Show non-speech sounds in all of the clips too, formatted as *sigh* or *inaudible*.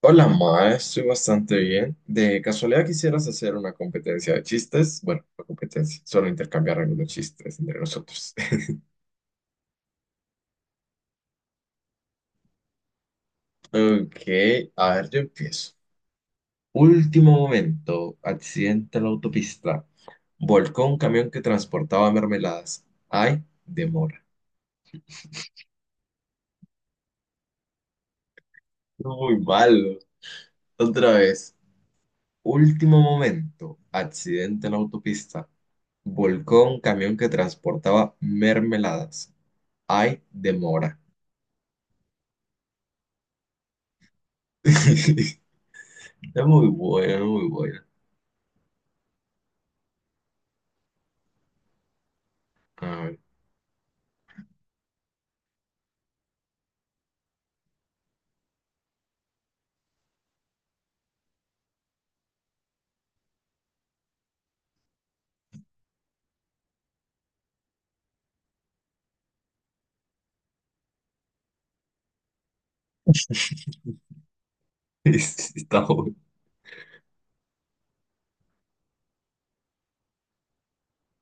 Hola, Ma, estoy bastante bien. De casualidad quisieras hacer una competencia de chistes. Bueno, no competencia, solo intercambiar algunos chistes entre nosotros. *laughs* Ok, a ver, yo empiezo. Último momento, accidente en la autopista. Volcó un camión que transportaba mermeladas. Ay, demora. Muy malo. Otra vez. Último momento, accidente en la autopista. Volcó un camión que transportaba mermeladas. Ay, demora. *laughs* Es muy buena, muy buena. A ver. *laughs* Está bueno.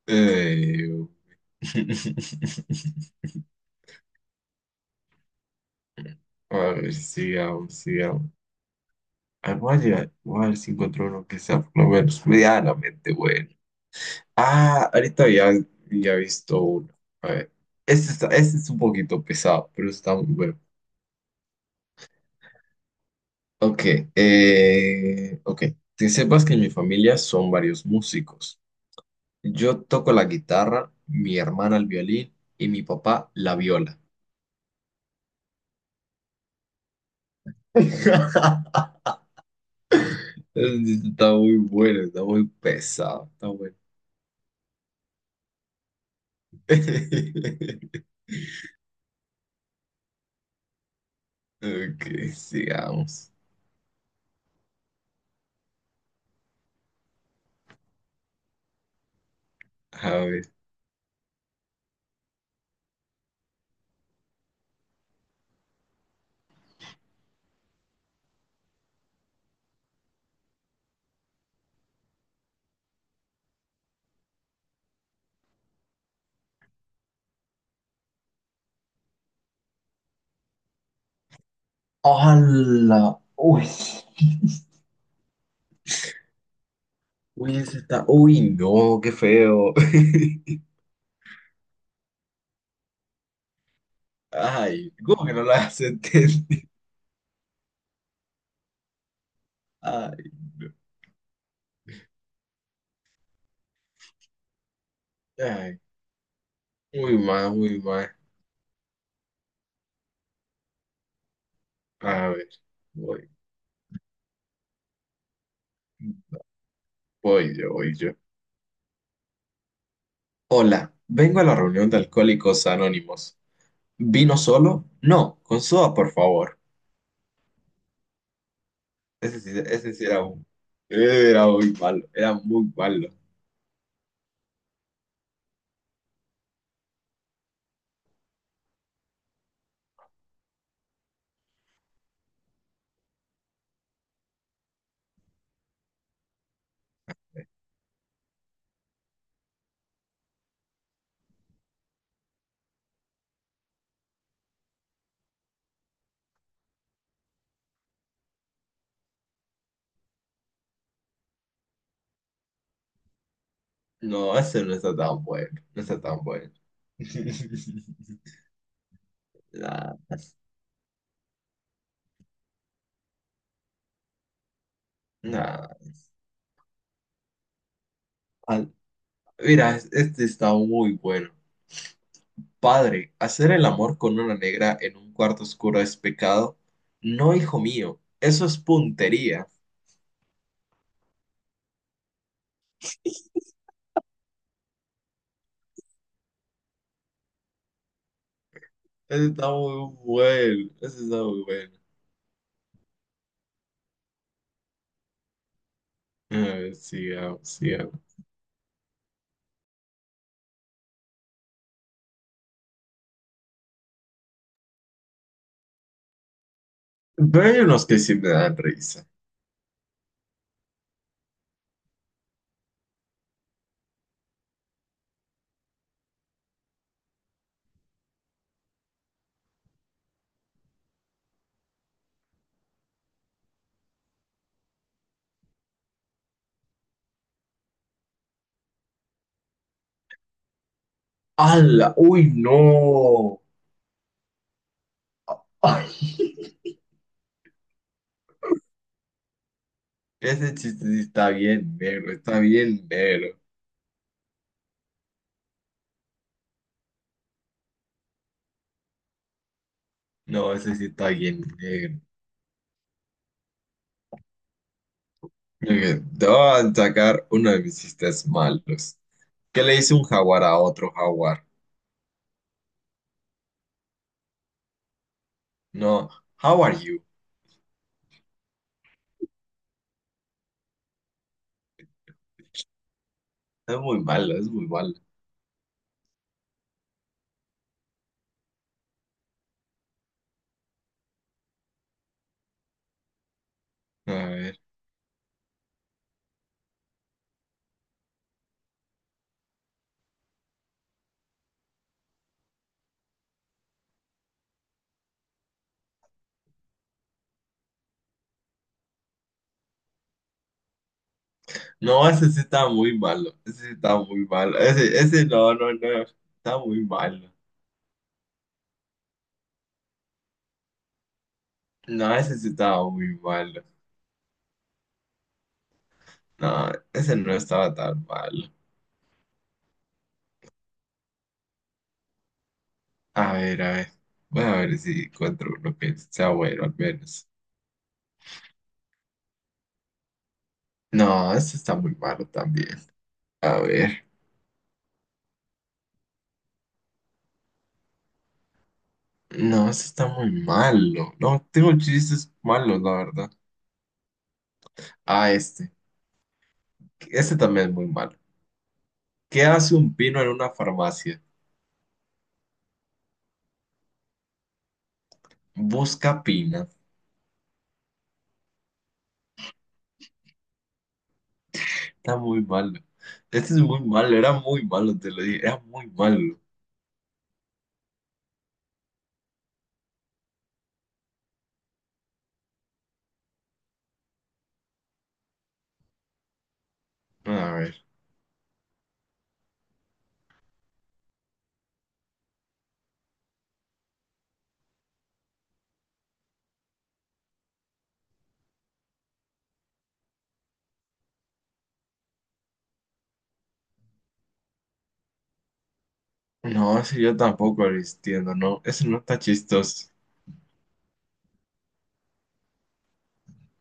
Eh, *laughs* A ver, sigamos, sigamos. Ah, voy a ver si encuentro uno que sea por lo menos medianamente bueno. Ah, ahorita ya, ya he visto uno. A ver. Este es un poquito pesado, pero está muy bueno. Ok, ok. Que sepas que en mi familia son varios músicos. Yo toco la guitarra, mi hermana el violín y mi papá la viola. *laughs* Está muy bueno, está muy pesado, está bueno. *laughs* Ok, sigamos. A ver. ¡Hala! Uy, uy, ese está. Uy, no, qué feo. *laughs* Ay, ¿cómo que no la has entendido? Ay, no. Ay, muy mal, muy mal. A ver, voy, voy yo, voy yo. Hola, vengo a la reunión de Alcohólicos Anónimos. ¿Vino solo? No, con soda, por favor. Ese sí, era muy malo, era muy malo. No, ese no está tan bueno, no está tan bueno. *laughs* Nah, nah. Al- Mira, este está muy bueno. Padre, hacer el amor con una negra en un cuarto oscuro es pecado. No, hijo mío, eso es puntería. Ese está muy bueno, ese está muy bueno. A ver, sigamos, sigamos. Pero hay unos que sí me dan risa. ¡Hala! ¡Uy, no! ¡Ay! Ese chiste sí está bien negro, está bien negro. No, ese sí está bien negro. Ok, te voy a sacar uno de mis chistes malos. ¿Qué le dice un jaguar a otro jaguar? No, how are you? Es muy malo, es muy malo. A ver. No, ese sí está muy malo. Ese sí está muy malo. Ese no, no, no. Está muy malo. No, ese sí estaba muy mal. No, ese no estaba tan mal. A ver, a ver. Voy a ver si encuentro uno que sea bueno al menos. No, ese está muy malo también. A ver. No, ese está muy malo. No, tengo chistes malos, la verdad. Ah, este. Este también es muy malo. ¿Qué hace un pino en una farmacia? Busca pina. Está muy malo. Este es muy malo, era muy malo, te lo dije. Era muy malo. A ver. No, ese yo tampoco lo entiendo, no. Ese no está chistoso.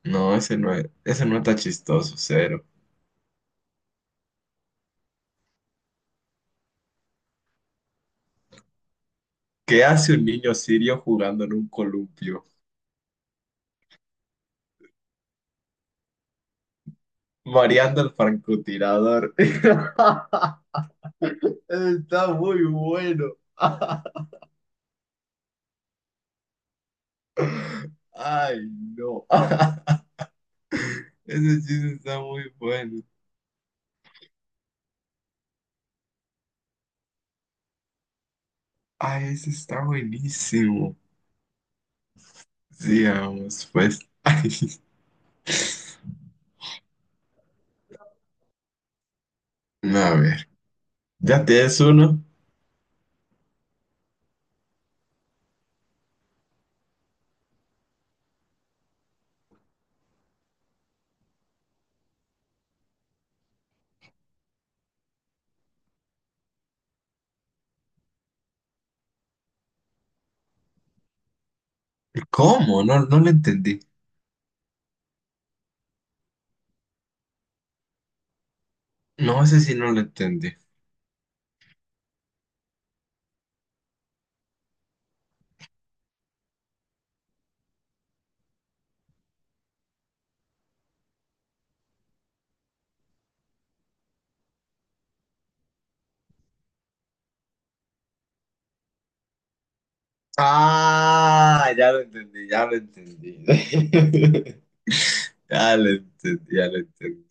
No, ese no está chistoso, cero. ¿Qué hace un niño sirio jugando en un columpio? Mareando al francotirador. *laughs* Está muy bueno. *laughs* Ay, no. *laughs* Ese chiste está muy bueno. Ay, ese está buenísimo. Sigamos, pues. *laughs* Ay, a ver. ¿Ya tienes uno? ¿Cómo? No, no lo entendí. No, ese sí no lo entendí. Ah, ya lo entendí, ya lo entendí. *laughs* Ya lo entendí, ya lo entendí.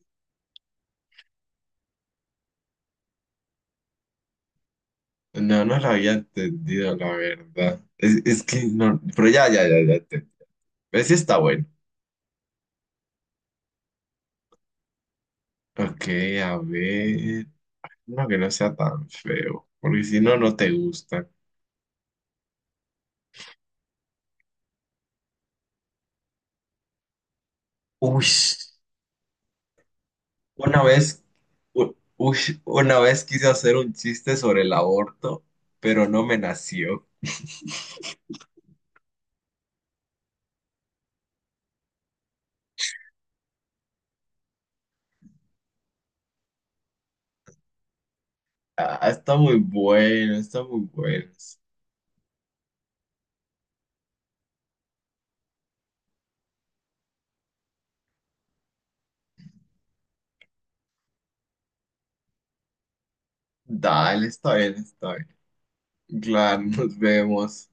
No, no lo había entendido, la verdad. Es que no, pero ya entendí. Pero sí está bueno. Ok, a ver. No, que no sea tan feo, porque si no, no te gusta. Uy, una vez, u- uy, una vez quise hacer un chiste sobre el aborto, pero no me nació. Ah, está muy bueno, está muy bueno. Dale, está bien, está bien. Claro, nos vemos.